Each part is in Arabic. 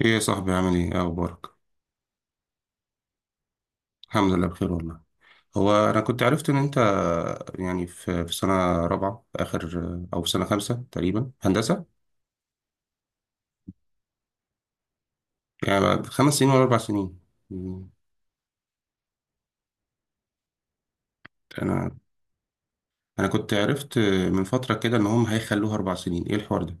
ايه يا صاحبي، عامل ايه؟ إيه اخبارك؟ الحمد لله بخير والله. هو انا كنت عرفت ان انت يعني في سنه رابعه في اخر او في سنه خمسه تقريبا هندسه. يعني بعد 5 سنين ولا 4 سنين؟ مم. انا انا كنت عرفت من فتره كده ان هم هيخلوها 4 سنين، ايه الحوار ده؟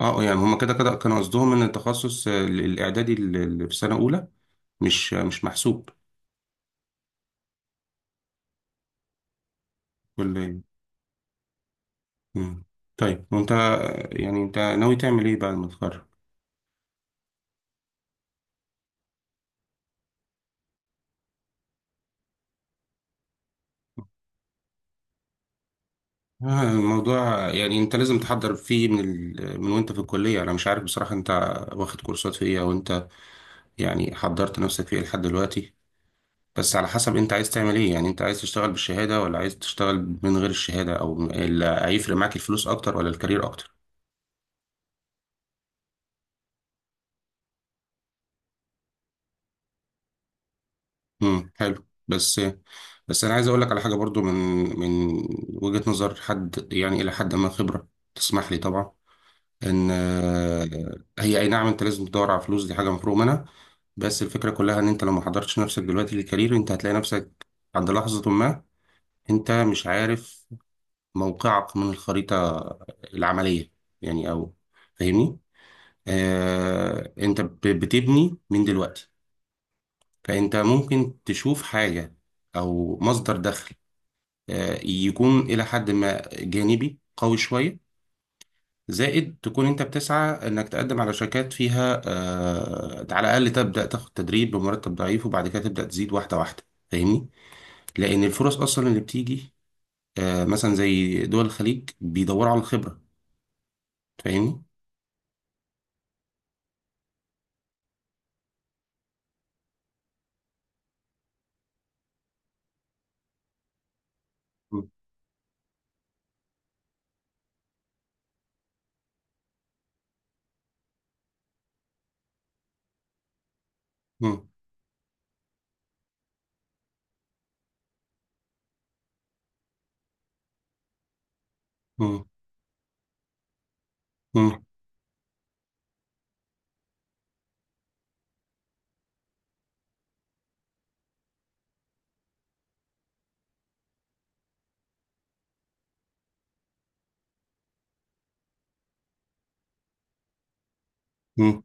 يعني هم كده كده كانوا قصدهم ان التخصص الاعدادي اللي في سنه اولى مش محسوب، ولا إيه؟ مم. طيب وانت، يعني انت ناوي تعمل ايه بعد ما تتخرج؟ الموضوع يعني انت لازم تحضر فيه من وانت في الكلية. انا مش عارف بصراحة انت واخد كورسات في ايه، او انت يعني حضرت نفسك في ايه لحد دلوقتي. بس على حسب انت عايز تعمل ايه، يعني انت عايز تشتغل بالشهادة ولا عايز تشتغل من غير الشهادة، هيفرق معاك الفلوس اكتر ولا الكارير اكتر؟ حلو، بس بس انا عايز اقول لك على حاجة برضو من من وجهة نظر حد، يعني الى حد ما خبرة، تسمح لي طبعا، ان هي، اي نعم، انت لازم تدور على فلوس، دي حاجه مفروغ منها. بس الفكره كلها ان انت لو ما حضرتش نفسك دلوقتي للكارير، انت هتلاقي نفسك عند لحظه ما انت مش عارف موقعك من الخريطه العمليه، يعني، او فاهمني. آه انت بتبني من دلوقتي، فانت ممكن تشوف حاجه او مصدر دخل آه يكون الى حد ما جانبي قوي شويه، زائد تكون انت بتسعى انك تقدم على شركات فيها آه على الاقل تبدا تاخد تدريب بمرتب ضعيف، وبعد كده تبدا تزيد واحده واحده، فاهمني. لان الفرص اصلا اللي بتيجي آه مثلا زي دول الخليج بيدوروا على الخبره، فاهمني. مم. مم. مم. مم. مم.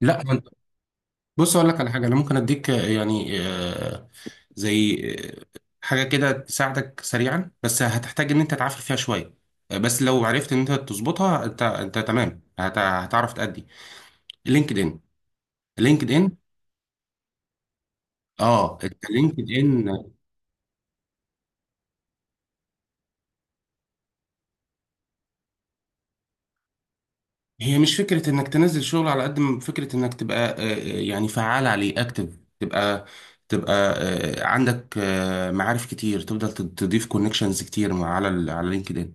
لا، ما انت- بص اقول لك على حاجه، انا ممكن اديك يعني زي آه، حاجه كده تساعدك سريعا، بس هتحتاج ان انت تعافر فيها شويه. بس لو عرفت ان انت تظبطها، انت انت تمام، هتعرف تأدي لينكد ان لينكد ان. اه، انت لينكد ان؟ هي مش فكرة انك تنزل شغل على قد ما فكرة انك تبقى يعني فعال عليه اكتف، تبقى عندك معارف كتير، تفضل تضيف كونكشنز كتير، على لينكد ان.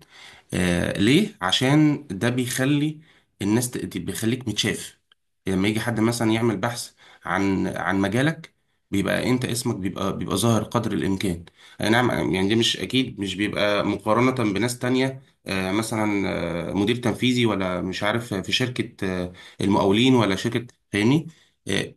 ليه؟ عشان ده بيخلي الناس بيخليك متشاف لما يجي حد مثلا يعمل بحث عن مجالك، بيبقى انت اسمك بيبقى ظاهر قدر الامكان. اي نعم، يعني ده مش اكيد، مش بيبقى مقارنة بناس تانية. مثلا مدير تنفيذي، ولا مش عارف، في شركة المقاولين، ولا شركة، فاهمني. آه،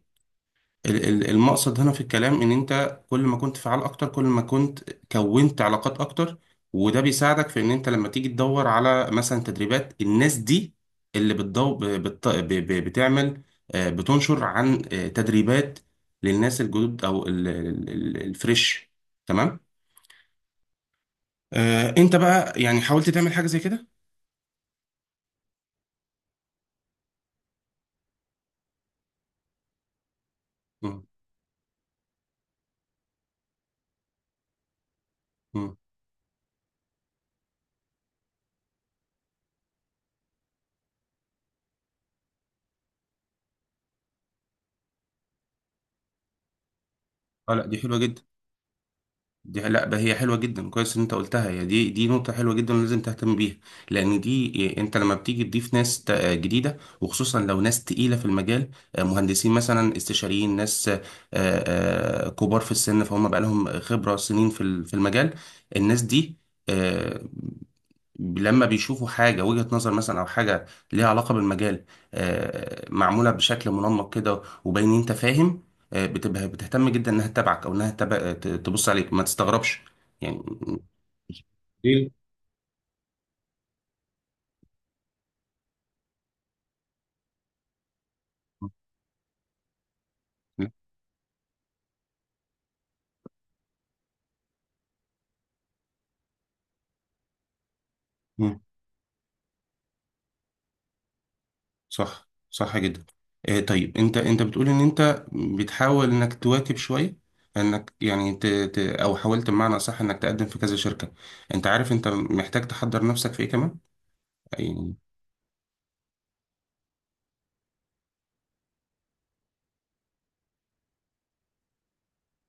المقصد هنا في الكلام ان انت كل ما كنت فعال اكتر، كل ما كنت كونت علاقات اكتر، وده بيساعدك في ان انت لما تيجي تدور على مثلا تدريبات. الناس دي اللي بتضو ب- بت- ب- ب- بتعمل بتنشر عن تدريبات للناس الجدد او الفريش، تمام. انت بقى يعني حاولت تعمل حاجة زي كده؟ مم. اه، لا دي حلوه جدا. دي، لا ده، هي حلوه جدا، كويس ان انت قلتها. هي دي نقطه حلوه جدا، لازم تهتم بيها. لان دي إيه، انت لما بتيجي تضيف ناس جديده، وخصوصا لو ناس تقيله في المجال، مهندسين مثلا استشاريين، ناس كبار في السن، فهم بقى لهم خبره سنين في المجال. الناس دي آه، لما بيشوفوا حاجة، وجهة نظر مثلا أو حاجة ليها علاقة بالمجال، معمولة بشكل منمق كده، وباين إن أنت فاهم، بتبقى بتهتم جدا إنها تتابعك، أو إنها تبص عليك، ما تستغربش يعني. جيل. مم. صح، صح جدا. طيب، أنت بتقول إن أنت بتحاول إنك تواكب شوية، انك يعني او حاولت، بمعنى صح انك تقدم في كذا شركة. انت عارف انت محتاج تحضر نفسك في ايه كمان يعني؟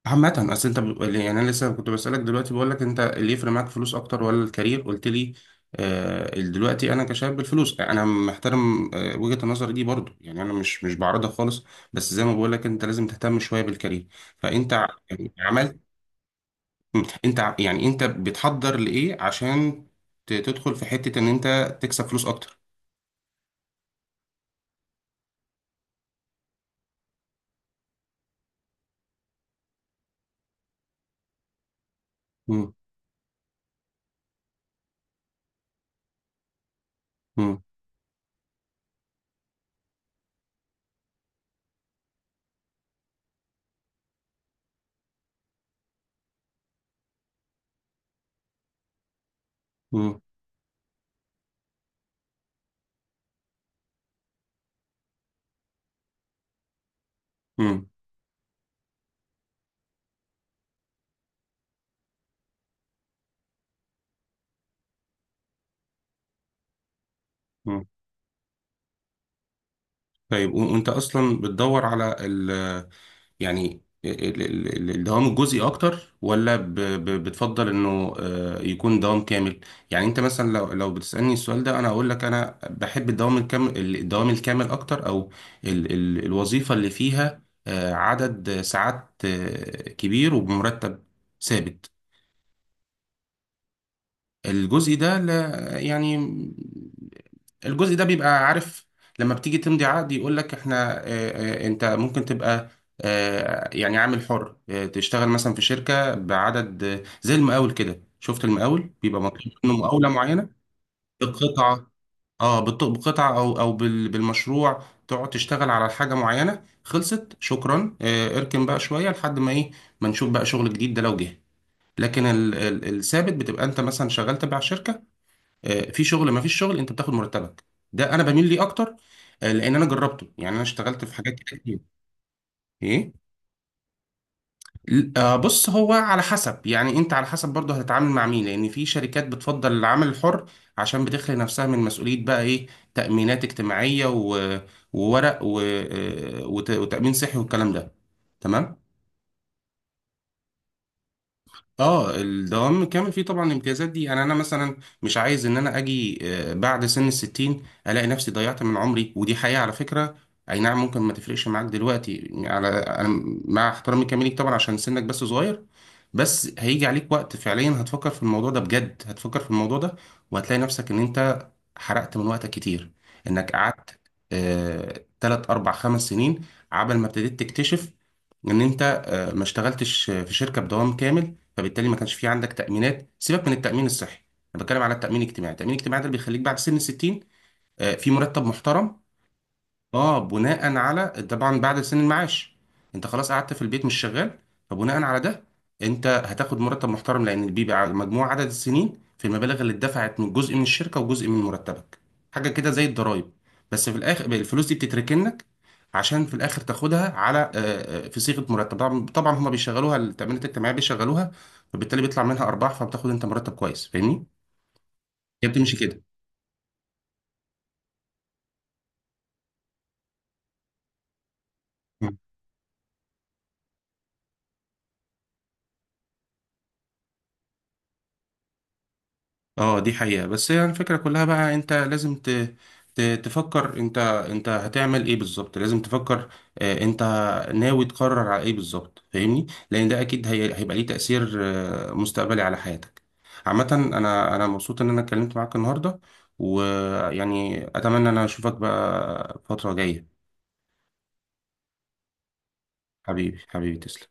عامة، اصل انت يعني انا لسه كنت بسألك دلوقتي، بقول لك انت اللي يفرق معاك فلوس اكتر ولا الكارير، قلت لي دلوقتي انا كشاب الفلوس. انا محترم وجهة النظر دي برضو، يعني انا مش بعرضها خالص. بس زي ما بقول لك، انت لازم تهتم شوية بالكارير. فانت يعني عملت، انت يعني انت بتحضر لايه عشان تدخل في حتة ان انت تكسب فلوس اكتر؟ مم. مم. مم. مم. طيب، وانت اصلا بتدور على يعني الدوام الجزئي اكتر، ولا بتفضل انه يكون دوام كامل؟ يعني انت مثلا، لو بتسألني السؤال ده، انا اقول لك انا بحب الدوام الكامل، الدوام الكامل اكتر، او ال ال الوظيفة اللي فيها عدد ساعات كبير وبمرتب ثابت. الجزء ده، لا يعني الجزء ده بيبقى عارف، لما بتيجي تمضي عقد يقول لك احنا، انت ممكن تبقى اه يعني عامل حر، تشتغل مثلا في شركة بعدد، زي المقاول كده. شفت المقاول بيبقى مطلوب منه مقاولة معينة، بقطعة، بقطعة او بالمشروع، تقعد تشتغل على حاجة معينة، خلصت، شكرا، اركن بقى شوية لحد ما ايه، ما نشوف بقى شغل جديد، ده لو جه. لكن الثابت بتبقى انت مثلا شغال تبع شركة، في شغل ما فيش شغل انت بتاخد مرتبك. ده انا بميل ليه اكتر، لان انا جربته، يعني انا اشتغلت في حاجات كده كتير. ايه؟ بص، هو على حسب، يعني انت على حسب برضه هتتعامل مع مين، لان في شركات بتفضل العمل الحر عشان بتخلي نفسها من مسؤولية، بقى ايه، تأمينات اجتماعية وورق وتأمين صحي والكلام ده، تمام. اه الدوام كامل فيه طبعا الامتيازات دي، يعني انا مثلا مش عايز ان انا اجي بعد سن 60 الاقي نفسي ضيعت من عمري، ودي حقيقة على فكرة. اي نعم ممكن ما تفرقش معاك دلوقتي، على انا، مع احترامي كامل ليك طبعا، عشان سنك بس صغير، بس هيجي عليك وقت فعليا هتفكر في الموضوع ده بجد، هتفكر في الموضوع ده، وهتلاقي نفسك ان انت حرقت من وقتك كتير، انك قعدت 3 4 5 سنين عبل ما ابتديت تكتشف ان انت ما اشتغلتش في شركه بدوام كامل، فبالتالي ما كانش في عندك تامينات، سيبك من التامين الصحي، انا بتكلم على التامين الاجتماعي. التامين الاجتماعي ده اللي بيخليك بعد سن 60 في مرتب محترم، اه بناء على، طبعا، بعد سن المعاش انت خلاص قعدت في البيت مش شغال، فبناء على ده انت هتاخد مرتب محترم، لان بيبقى مجموع عدد السنين في المبالغ اللي اتدفعت من جزء من الشركه وجزء من مرتبك، حاجه كده زي الضرايب. بس في الاخر الفلوس دي بتتركنك عشان في الاخر تاخدها على في صيغه مرتب. طبعا طبعا هما بيشغلوها، التامينات الاجتماعيه بيشغلوها، فبالتالي بيطلع منها ارباح، فبتاخد انت مرتب كويس، فاهمني؟ هي بتمشي كده. اه دي حقيقة. بس هي يعني الفكرة كلها بقى، انت لازم تفكر، انت هتعمل ايه بالظبط، لازم تفكر. انت ناوي تقرر على ايه بالظبط، فاهمني، لان ده اكيد هيبقى ليه تأثير مستقبلي على حياتك. عامة انا مبسوط ان انا اتكلمت معاك النهاردة، ويعني اتمنى ان انا اشوفك بقى فترة جاية. حبيبي حبيبي، تسلم.